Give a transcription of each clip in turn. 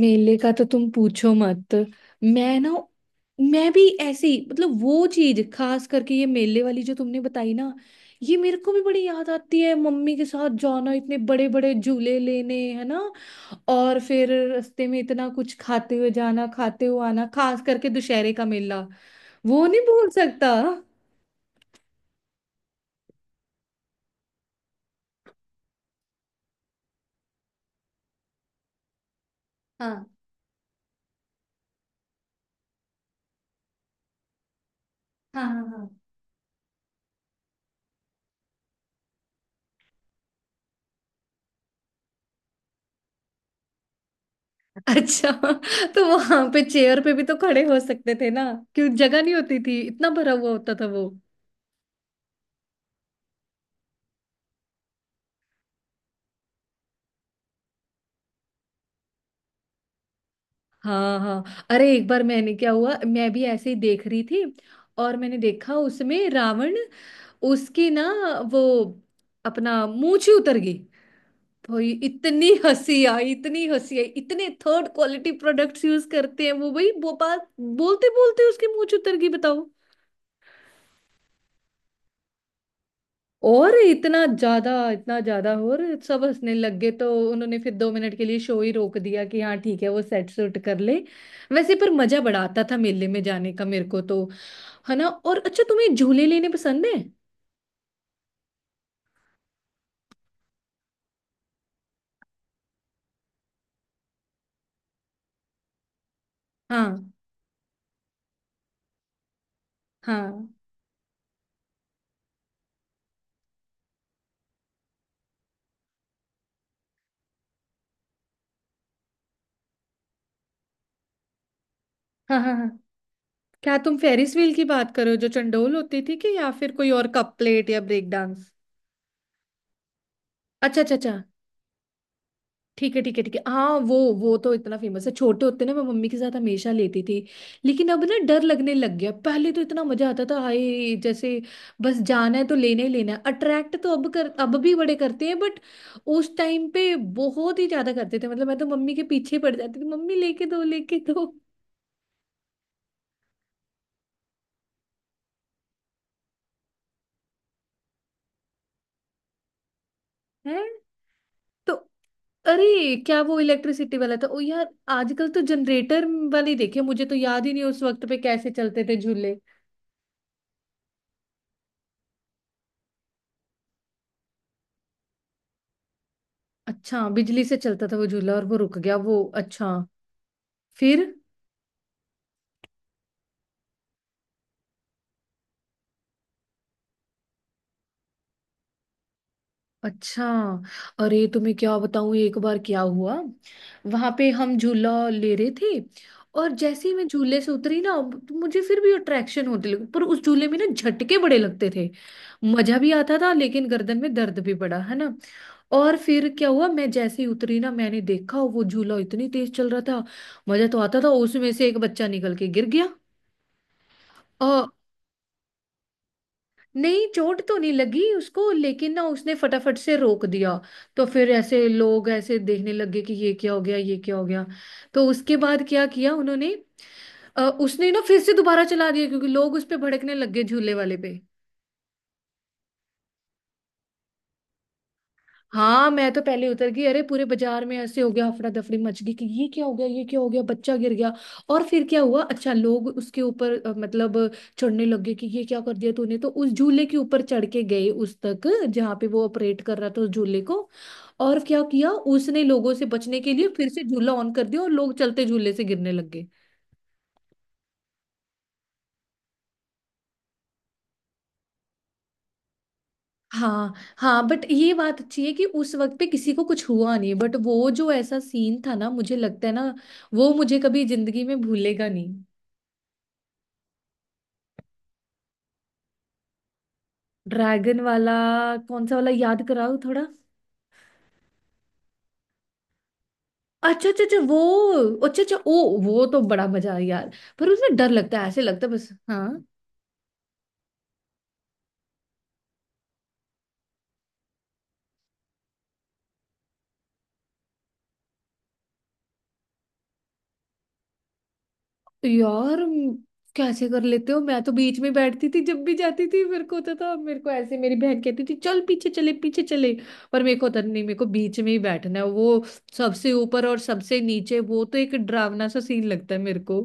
मेले का तो तुम पूछो मत। मैं ना मैं भी ऐसी वो चीज खास करके ये मेले वाली जो तुमने बताई ना, ये मेरे को भी बड़ी याद आती है। मम्मी के साथ जाना, इतने बड़े बड़े झूले लेने, है ना। और फिर रास्ते में इतना कुछ खाते हुए जाना, खाते हुए आना, खास करके दुशहरे का मेला वो नहीं भूल सकता। हाँ हाँ हाँ हाँ। अच्छा, तो वहां पे चेयर पे भी तो खड़े हो सकते थे ना। क्यों, जगह नहीं होती थी, इतना भरा हुआ होता था वो? हाँ हाँ, अरे एक बार मैंने क्या हुआ, मैं भी ऐसे ही देख रही थी, और मैंने देखा उसमें रावण, उसकी ना वो अपना मूंछ ही उतर गई। भाई, इतनी हंसी आई, इतनी हंसी आई, इतने थर्ड क्वालिटी प्रोडक्ट्स यूज करते हैं वो भाई। वो बात बोलते बोलते उसकी मूंछ उतर गई, बताओ। और इतना ज्यादा, इतना ज्यादा, और सब हंसने लग गए, तो उन्होंने फिर 2 मिनट के लिए शो ही रोक दिया, कि हाँ ठीक है, वो सेट सूट कर ले। वैसे पर मजा बड़ा आता था मेले में जाने का मेरे को तो, है ना। और अच्छा, तुम्हें झूले लेने पसंद है? हाँ हाँ हाँ हाँ हाँ, क्या तुम फेरिस व्हील की बात करो, जो चंडोल होती थी कि, या फिर कोई और, कप प्लेट या ब्रेक डांस? अच्छा अच्छा अच्छा, ठीक है ठीक है ठीक है, हाँ वो। वो तो इतना फेमस है, छोटे होते ना मैं मम्मी के साथ हमेशा लेती थी। लेकिन अब ना डर लगने लग गया, पहले तो इतना मजा आता था, हाय जैसे बस जाना है तो लेना ही लेना है। अट्रैक्ट तो अब कर, अब भी बड़े करते हैं बट उस टाइम पे बहुत ही ज्यादा करते थे, मतलब मैं तो मम्मी के पीछे पड़ जाती थी, मम्मी लेके दो, लेके दो। है तो? अरे क्या वो इलेक्ट्रिसिटी वाला था, ओ यार। आजकल तो जनरेटर वाले देखे, मुझे तो याद ही नहीं उस वक्त पे कैसे चलते थे झूले। अच्छा, बिजली से चलता था वो झूला, और वो रुक गया वो, अच्छा। फिर? अच्छा, अरे तुम्हें क्या बताऊं, एक बार क्या हुआ, वहां पे हम झूला ले रहे थे, और जैसे ही मैं झूले से उतरी ना, तो मुझे फिर भी अट्रैक्शन होने लगी, पर उस झूले में ना झटके बड़े लगते थे। मजा भी आता था लेकिन गर्दन में दर्द भी बड़ा, है ना। और फिर क्या हुआ, मैं जैसे ही उतरी ना, मैंने देखा वो झूला इतनी तेज चल रहा था, मजा तो आता था, उसमें से एक बच्चा निकल के गिर गया। नहीं, चोट तो नहीं लगी उसको, लेकिन ना उसने फटाफट से रोक दिया। तो फिर ऐसे लोग ऐसे देखने लगे कि ये क्या हो गया, ये क्या हो गया। तो उसके बाद क्या किया उन्होंने, उसने ना फिर से दोबारा चला दिया, क्योंकि लोग उस पे भड़कने लग गए, झूले वाले पे। हाँ मैं तो पहले उतर गई, अरे पूरे बाजार में ऐसे हो गया, अफरा दफरी मच गई कि ये क्या हो गया, ये क्या हो गया, बच्चा गिर गया। और फिर क्या हुआ, अच्छा लोग उसके ऊपर चढ़ने लग गए, कि ये क्या कर दिया तूने, तो उस झूले के ऊपर चढ़ के गए उस तक, जहाँ पे वो ऑपरेट कर रहा था उस झूले को। और क्या किया उसने, लोगों से बचने के लिए फिर से झूला ऑन कर दिया, और लोग चलते झूले से गिरने लग गए। हाँ हाँ, बट ये बात अच्छी है कि उस वक्त पे किसी को कुछ हुआ नहीं, बट वो जो ऐसा सीन था ना, मुझे लगता है ना, वो मुझे कभी जिंदगी में भूलेगा नहीं। ड्रैगन वाला? कौन सा वाला, याद कराओ थोड़ा। अच्छा अच्छा अच्छा वो, अच्छा अच्छा, ओ वो तो बड़ा मजा आया यार। पर उसमें डर लगता है, ऐसे लगता है बस, हाँ। यार कैसे कर लेते हो, मैं तो बीच में बैठती थी जब भी जाती थी। मेरे को होता था, मेरे को ऐसे, मेरी बहन कहती थी चल पीछे चले, पीछे चले, पर मेरे को होता नहीं, मेरे को बीच में ही बैठना है। वो सबसे ऊपर और सबसे नीचे, वो तो एक डरावना सा सीन लगता है मेरे को।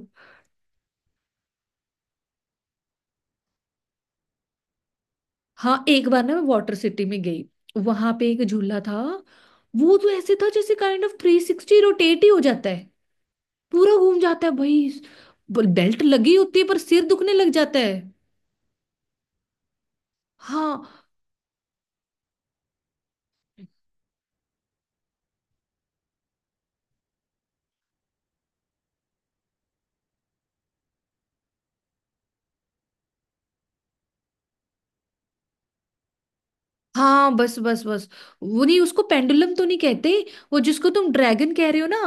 हाँ, एक बार ना मैं वाटर सिटी में गई, वहां पे एक झूला था, वो तो ऐसे था जैसे काइंड ऑफ 360 रोटेट ही हो जाता है। पूरा घूम जाता है भाई, बेल्ट लगी होती है, पर सिर दुखने लग जाता है। हाँ, हाँ बस बस बस, वो नहीं, उसको पेंडुलम तो नहीं कहते। वो जिसको तुम ड्रैगन कह रहे हो ना,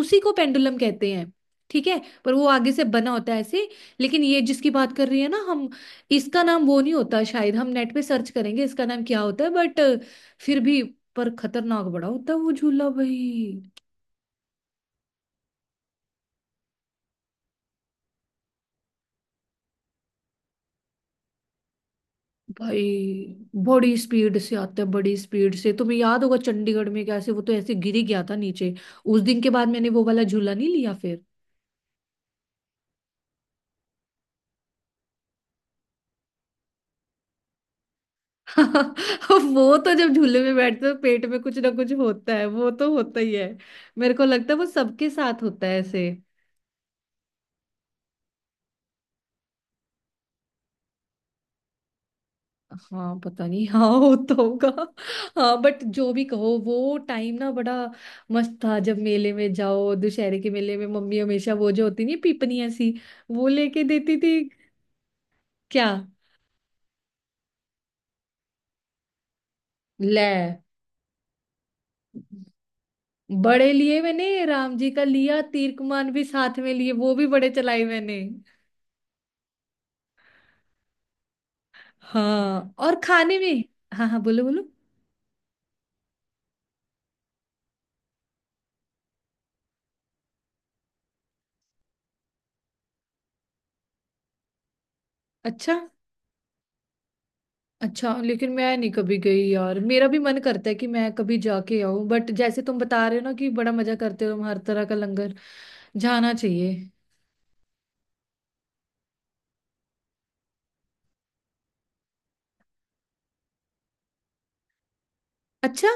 उसी को पेंडुलम कहते हैं, ठीक है। पर वो आगे से बना होता है ऐसे। लेकिन ये जिसकी बात कर रही है ना हम, इसका नाम वो नहीं होता शायद, हम नेट पे सर्च करेंगे इसका नाम क्या होता है बट, फिर भी, पर खतरनाक बड़ा होता है वो झूला भाई। भाई बड़ी स्पीड से आता है, बड़ी स्पीड से, तुम्हें याद होगा चंडीगढ़ में कैसे वो तो ऐसे गिर ही गया था नीचे। उस दिन के बाद मैंने वो वाला झूला नहीं लिया फिर। हाँ, वो तो जब झूले में बैठते हो पेट में कुछ ना कुछ होता है, वो तो होता ही है। मेरे को लगता है वो सबके साथ होता है ऐसे। हाँ पता नहीं हाँ, होता होगा। हाँ बट जो भी कहो, वो टाइम ना बड़ा मस्त था। जब मेले में जाओ दुशहरे के मेले में, मम्मी हमेशा वो जो होती नहीं पीपनी ऐसी, वो लेके देती थी। क्या ले? बड़े लिए, मैंने राम जी का लिया, तीर कमान भी साथ में लिए, वो भी बड़े चलाए मैंने। हाँ, और खाने में? हाँ हाँ बोलो बोलो। अच्छा, अच्छा लेकिन मैं नहीं कभी गई यार, मेरा भी मन करता है कि मैं कभी जाके आऊं, बट जैसे तुम बता रहे हो ना कि बड़ा मजा करते हो तुम, हर तरह का लंगर, जाना चाहिए। अच्छा।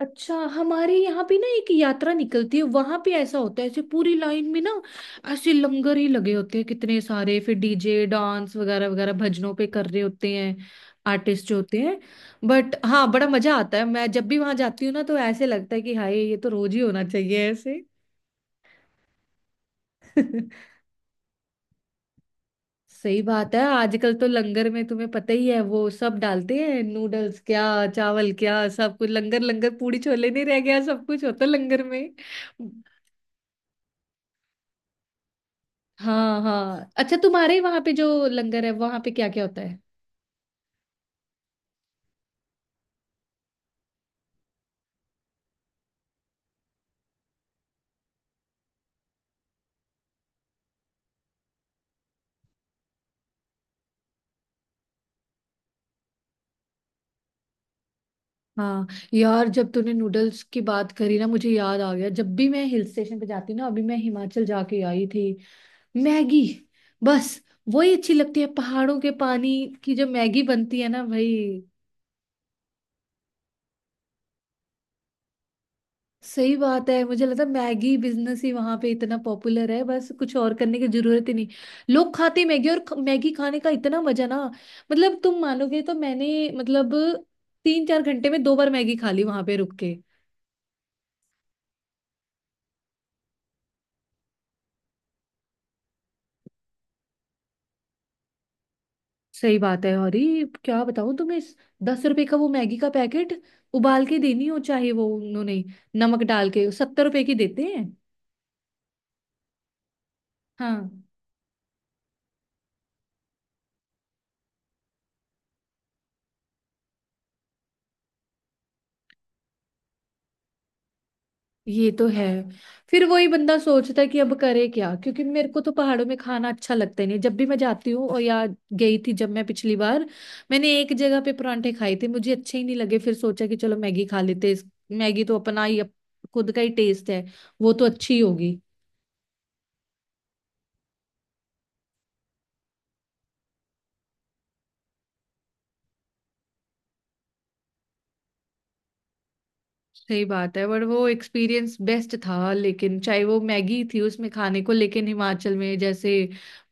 अच्छा, हमारे यहाँ पे ना एक यात्रा निकलती है, वहां पे ऐसा होता है ऐसे पूरी लाइन में ना, ऐसे लंगर ही लगे होते हैं कितने सारे, फिर डीजे डांस वगैरह वगैरह भजनों पे कर रहे होते हैं आर्टिस्ट जो होते हैं। बट हाँ बड़ा मजा आता है, मैं जब भी वहां जाती हूँ ना तो ऐसे लगता है कि हाय, ये तो रोज ही होना चाहिए ऐसे। सही बात है। आजकल तो लंगर में, तुम्हें पता ही है, वो सब डालते हैं, नूडल्स क्या, चावल क्या, सब कुछ। लंगर लंगर पूड़ी छोले नहीं रह गया, सब कुछ होता है लंगर में। हाँ हाँ, अच्छा तुम्हारे वहां पे जो लंगर है वहां पे क्या क्या होता है? हाँ, यार जब तूने नूडल्स की बात करी ना, मुझे याद आ गया, जब भी मैं हिल स्टेशन पे जाती हूँ ना, अभी मैं हिमाचल जाके आई थी। मैगी, बस वही अच्छी लगती है, पहाड़ों के पानी की जो मैगी बनती है ना भाई। सही बात है, मुझे लगता है मैगी बिजनेस ही वहां पे इतना पॉपुलर है, बस कुछ और करने की जरूरत ही नहीं। लोग खाते मैगी, और मैगी खाने का इतना मजा ना, मतलब तुम मानोगे तो, मैंने 3 4 घंटे में दो बार मैगी खा ली, वहां पे रुक के। सही बात है, और ये क्या बताऊं तुम्हें, इस 10 रुपए का वो मैगी का पैकेट उबाल के देनी हो, चाहे वो, उन्होंने नमक डाल के 70 रुपए की देते हैं। हाँ ये तो है, फिर वही बंदा सोचता है कि अब करे क्या, क्योंकि मेरे को तो पहाड़ों में खाना अच्छा लगता ही नहीं जब भी मैं जाती हूँ, और या गई थी जब मैं पिछली बार, मैंने एक जगह पे परांठे खाए थे, मुझे अच्छे ही नहीं लगे, फिर सोचा कि चलो मैगी खा लेते हैं। मैगी तो अपना ही खुद का ही टेस्ट है, वो तो अच्छी होगी। सही बात है, बट वो एक्सपीरियंस बेस्ट था, लेकिन चाहे वो मैगी थी उसमें खाने को, लेकिन हिमाचल में जैसे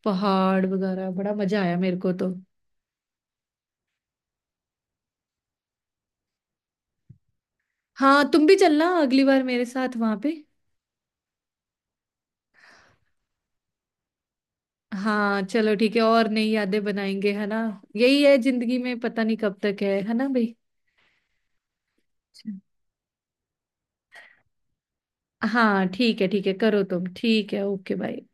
पहाड़ वगैरह, बड़ा मजा आया मेरे को तो। हाँ, तुम भी चलना अगली बार मेरे साथ वहां पे। हाँ चलो ठीक है, और नई यादें बनाएंगे, है ना। यही है जिंदगी में, पता नहीं कब तक है ना भाई। अच्छा, हाँ ठीक है ठीक है, करो तुम, ठीक है, ओके बाय।